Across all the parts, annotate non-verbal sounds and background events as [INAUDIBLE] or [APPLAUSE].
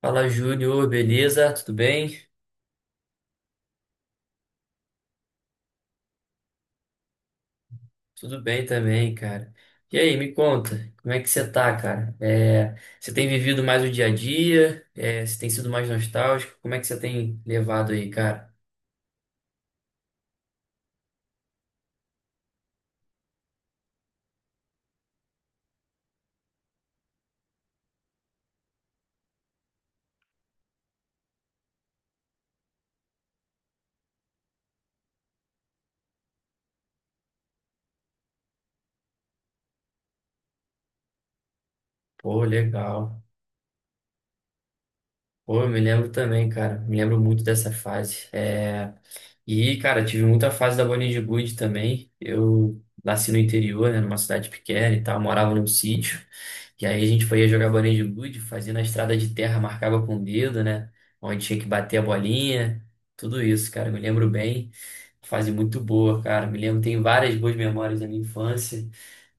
Fala, Júnior, beleza? Tudo bem? Tudo bem também, cara. E aí, me conta, como é que você tá, cara? Você tem vivido mais o dia a dia? Você tem sido mais nostálgico? Como é que você tem levado aí, cara? Pô, legal. Pô, eu me lembro também, cara. Me lembro muito dessa fase. E, cara, tive muita fase da Bolinha de Gude também. Eu nasci no interior, né, numa cidade pequena e tal, morava num sítio. E aí a gente foi jogar Bolinha de Gude, fazia na estrada de terra, marcava com o dedo, né? Onde tinha que bater a bolinha. Tudo isso, cara, me lembro bem. Fase muito boa, cara. Me lembro, tem várias boas memórias da minha infância.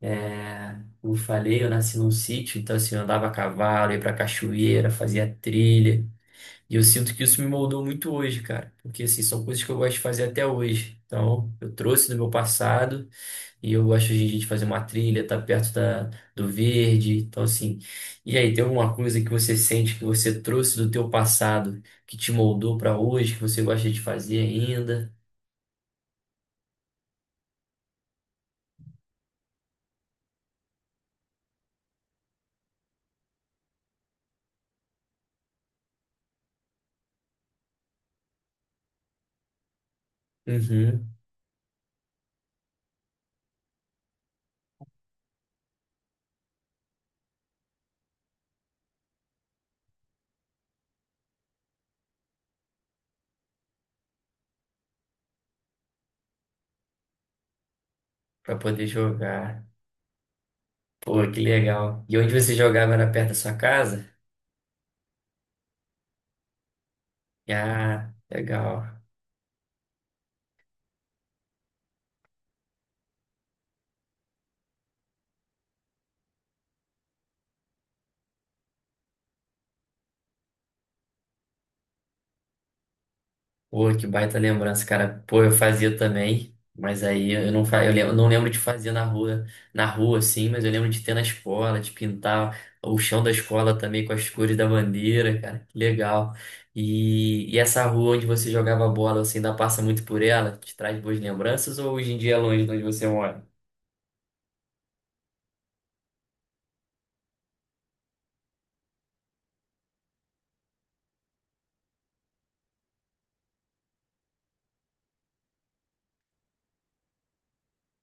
É, como eu falei, eu nasci num sítio, então assim, eu andava a cavalo, ia pra cachoeira, fazia trilha. E eu sinto que isso me moldou muito hoje, cara, porque assim, são coisas que eu gosto de fazer até hoje. Então, eu trouxe do meu passado e eu gosto hoje em dia de fazer uma trilha, estar perto do verde. Então, assim, e aí, tem alguma coisa que você sente que você trouxe do teu passado, que te moldou para hoje, que você gosta de fazer ainda? Uhum, para poder jogar. Pô, que legal. E onde você jogava era perto da sua casa? Ah, legal. Pô, que baita lembrança, cara. Pô, eu fazia também, mas aí eu não, eu não lembro de fazer na rua, assim, mas eu lembro de ter na escola, de pintar o chão da escola também com as cores da bandeira, cara. Que legal. E essa rua onde você jogava bola, você ainda passa muito por ela? Te traz boas lembranças ou hoje em dia é longe de onde você mora?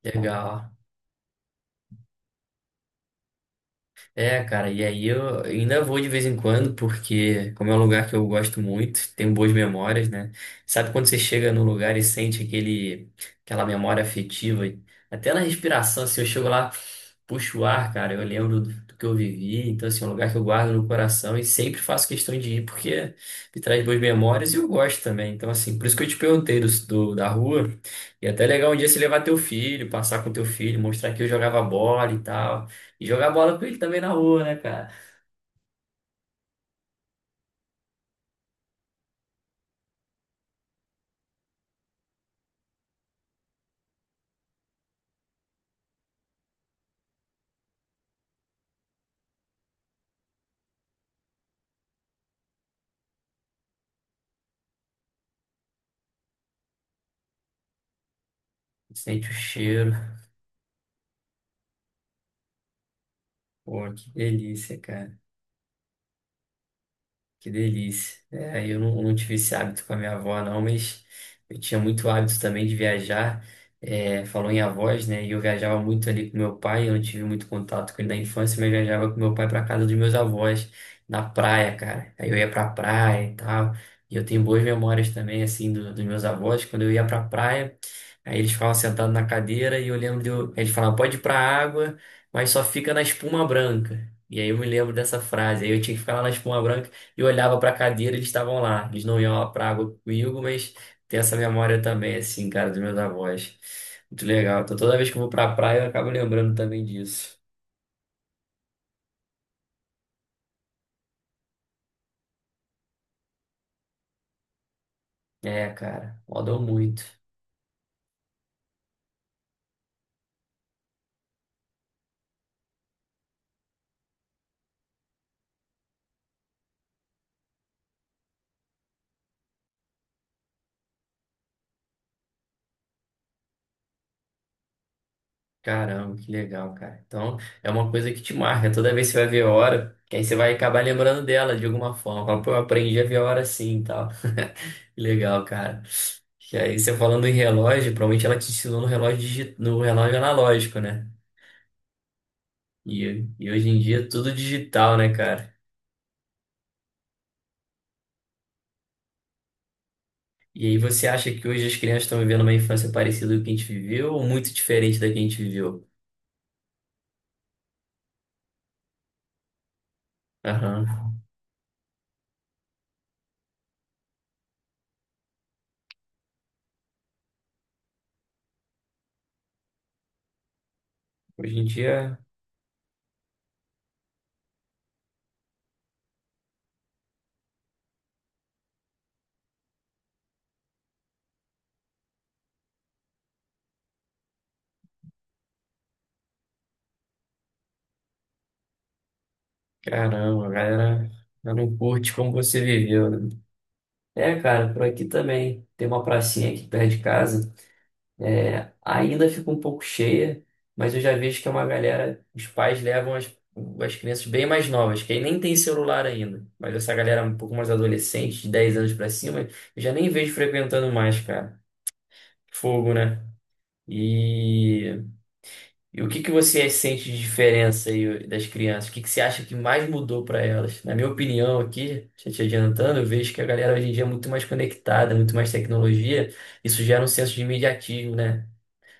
Legal. É, cara, e aí eu ainda vou de vez em quando, porque como é um lugar que eu gosto muito, tenho boas memórias, né? Sabe quando você chega num lugar e sente aquela memória afetiva, até na respiração, assim, eu chego lá, puxo o ar, cara, eu lembro do que eu vivi, então, assim, é um lugar que eu guardo no coração e sempre faço questão de ir, porque me traz boas memórias e eu gosto também, então, assim, por isso que eu te perguntei da rua, e até é legal um dia você levar teu filho, passar com teu filho, mostrar que eu jogava bola e tal, e jogar bola com ele também na rua, né, cara? Sente o cheiro. Pô, que delícia, cara. Que delícia. É, eu não, não tive esse hábito com a minha avó, não, mas eu tinha muito hábito também de viajar. É, falou em avós, né? E eu viajava muito ali com meu pai. Eu não tive muito contato com ele na infância, mas viajava com meu pai para casa dos meus avós, na praia, cara. Aí eu ia pra praia e tal. E eu tenho boas memórias também, assim, dos meus avós. Quando eu ia pra praia, aí eles ficavam sentados na cadeira e eu lembro eles falavam, pode ir pra água, mas só fica na espuma branca. E aí eu me lembro dessa frase. Aí eu tinha que ficar lá na espuma branca eu olhava para a cadeira, eles estavam lá. Eles não iam lá para água comigo, mas tem essa memória também, assim, cara, dos meus avós. Muito legal. Então, toda vez que eu vou pra praia, eu acabo lembrando também disso. É, cara, rodou muito. Caramba, que legal, cara. Então, é uma coisa que te marca. Toda vez que você vai ver a hora, que aí você vai acabar lembrando dela de alguma forma. Fala, Pô, eu aprendi a ver a hora assim e tal. [LAUGHS] Que legal, cara. E aí, você falando em relógio, provavelmente ela te ensinou no relógio, no relógio analógico, né? E hoje em dia é tudo digital, né, cara? E aí você acha que hoje as crianças estão vivendo uma infância parecida com a que a gente viveu ou muito diferente da que a gente viveu? Aham. Hoje em dia, caramba, a galera já não curte como você viveu, né? É, cara, por aqui também. Tem uma pracinha aqui perto de casa. É, ainda fica um pouco cheia, mas eu já vejo que é uma galera, os pais levam as crianças bem mais novas, que aí nem tem celular ainda. Mas essa galera um pouco mais adolescente, de 10 anos pra cima, eu já nem vejo frequentando mais, cara. Fogo, né? E, e o que que você sente de diferença aí das crianças? O que que você acha que mais mudou pra elas? Na minha opinião aqui, já te adiantando, eu vejo que a galera hoje em dia é muito mais conectada, muito mais tecnologia. Isso gera um senso de imediatismo, né?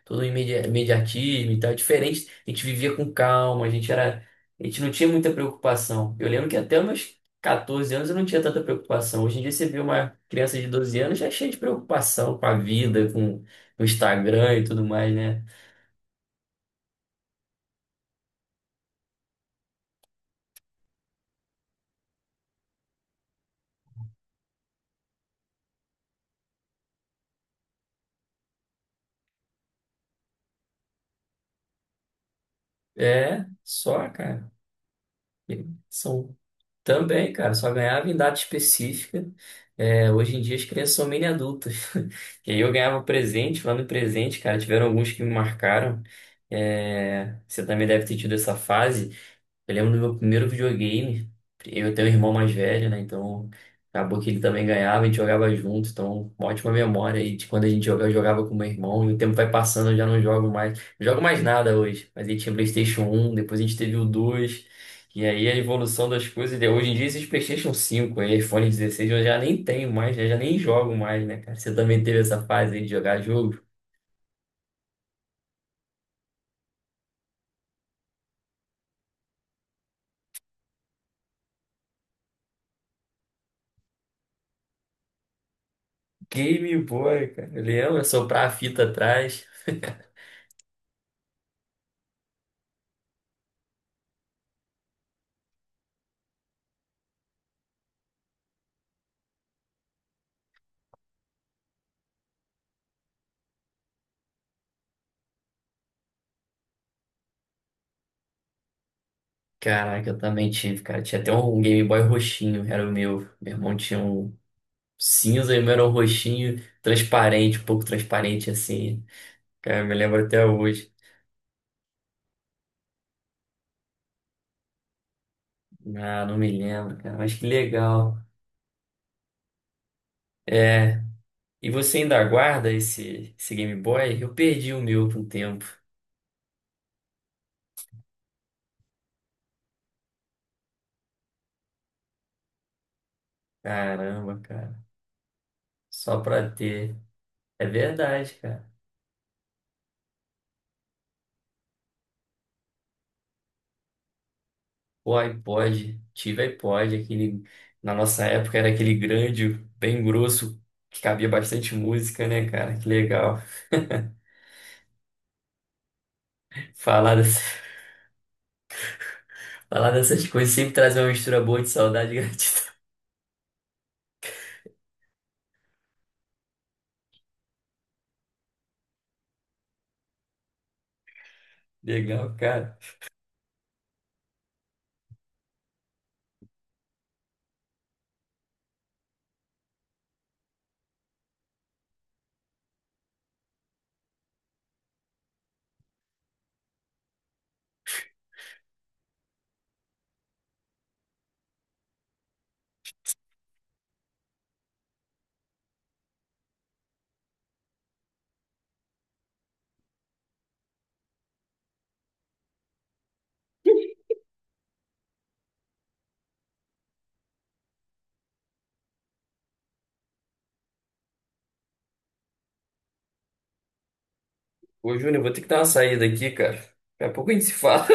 Tudo imediatismo e tal, é diferente. A gente vivia com calma, a gente era, a gente não tinha muita preocupação. Eu lembro que até os meus 14 anos eu não tinha tanta preocupação. Hoje em dia você vê uma criança de 12 anos já é cheia de preocupação com a vida, com o Instagram e tudo mais, né? É, só, cara. São Também, cara, só ganhava em data específica. É, hoje em dia as crianças são mini adultas. [LAUGHS] E aí eu ganhava presente, falando em presente, cara, tiveram alguns que me marcaram. É, você também deve ter tido essa fase. Eu lembro do meu primeiro videogame. Eu tenho um irmão mais velho, né? Então acabou que ele também ganhava, a gente jogava junto. Então, uma ótima memória aí de quando a gente jogava, eu jogava com meu irmão. E o tempo vai passando, eu já não jogo mais. Não jogo mais nada hoje. Mas aí tinha PlayStation 1 depois a gente teve o 2. E aí a evolução das coisas. Né? Hoje em dia esses PlayStation 5 aí, iPhone 16 eu já nem tenho mais, né? Já nem jogo mais, né, cara? Você também teve essa fase aí de jogar jogo? Game Boy, cara. Eu lembro, soprar a fita atrás. Caraca, eu também tive, cara. Tinha até um Game Boy roxinho, era o meu. Meu irmão tinha um cinza e o meu era um roxinho, transparente, um pouco transparente assim. Cara, eu me lembro até hoje. Ah, não me lembro, cara, mas que legal. É, e você ainda aguarda esse Game Boy? Eu perdi o meu por um tempo. Caramba, cara, só pra ter. É verdade, cara. O iPod, tive iPod, aquele, na nossa época era aquele grande, bem grosso, que cabia bastante música, né, cara? Que legal. Falar, dessa- [LAUGHS] Falar dessas coisas sempre traz uma mistura boa de saudade e gratidão. [LAUGHS] Legal, cara. Ô, Júnior, eu vou ter que dar uma saída aqui, cara. Daqui a pouco a gente se fala.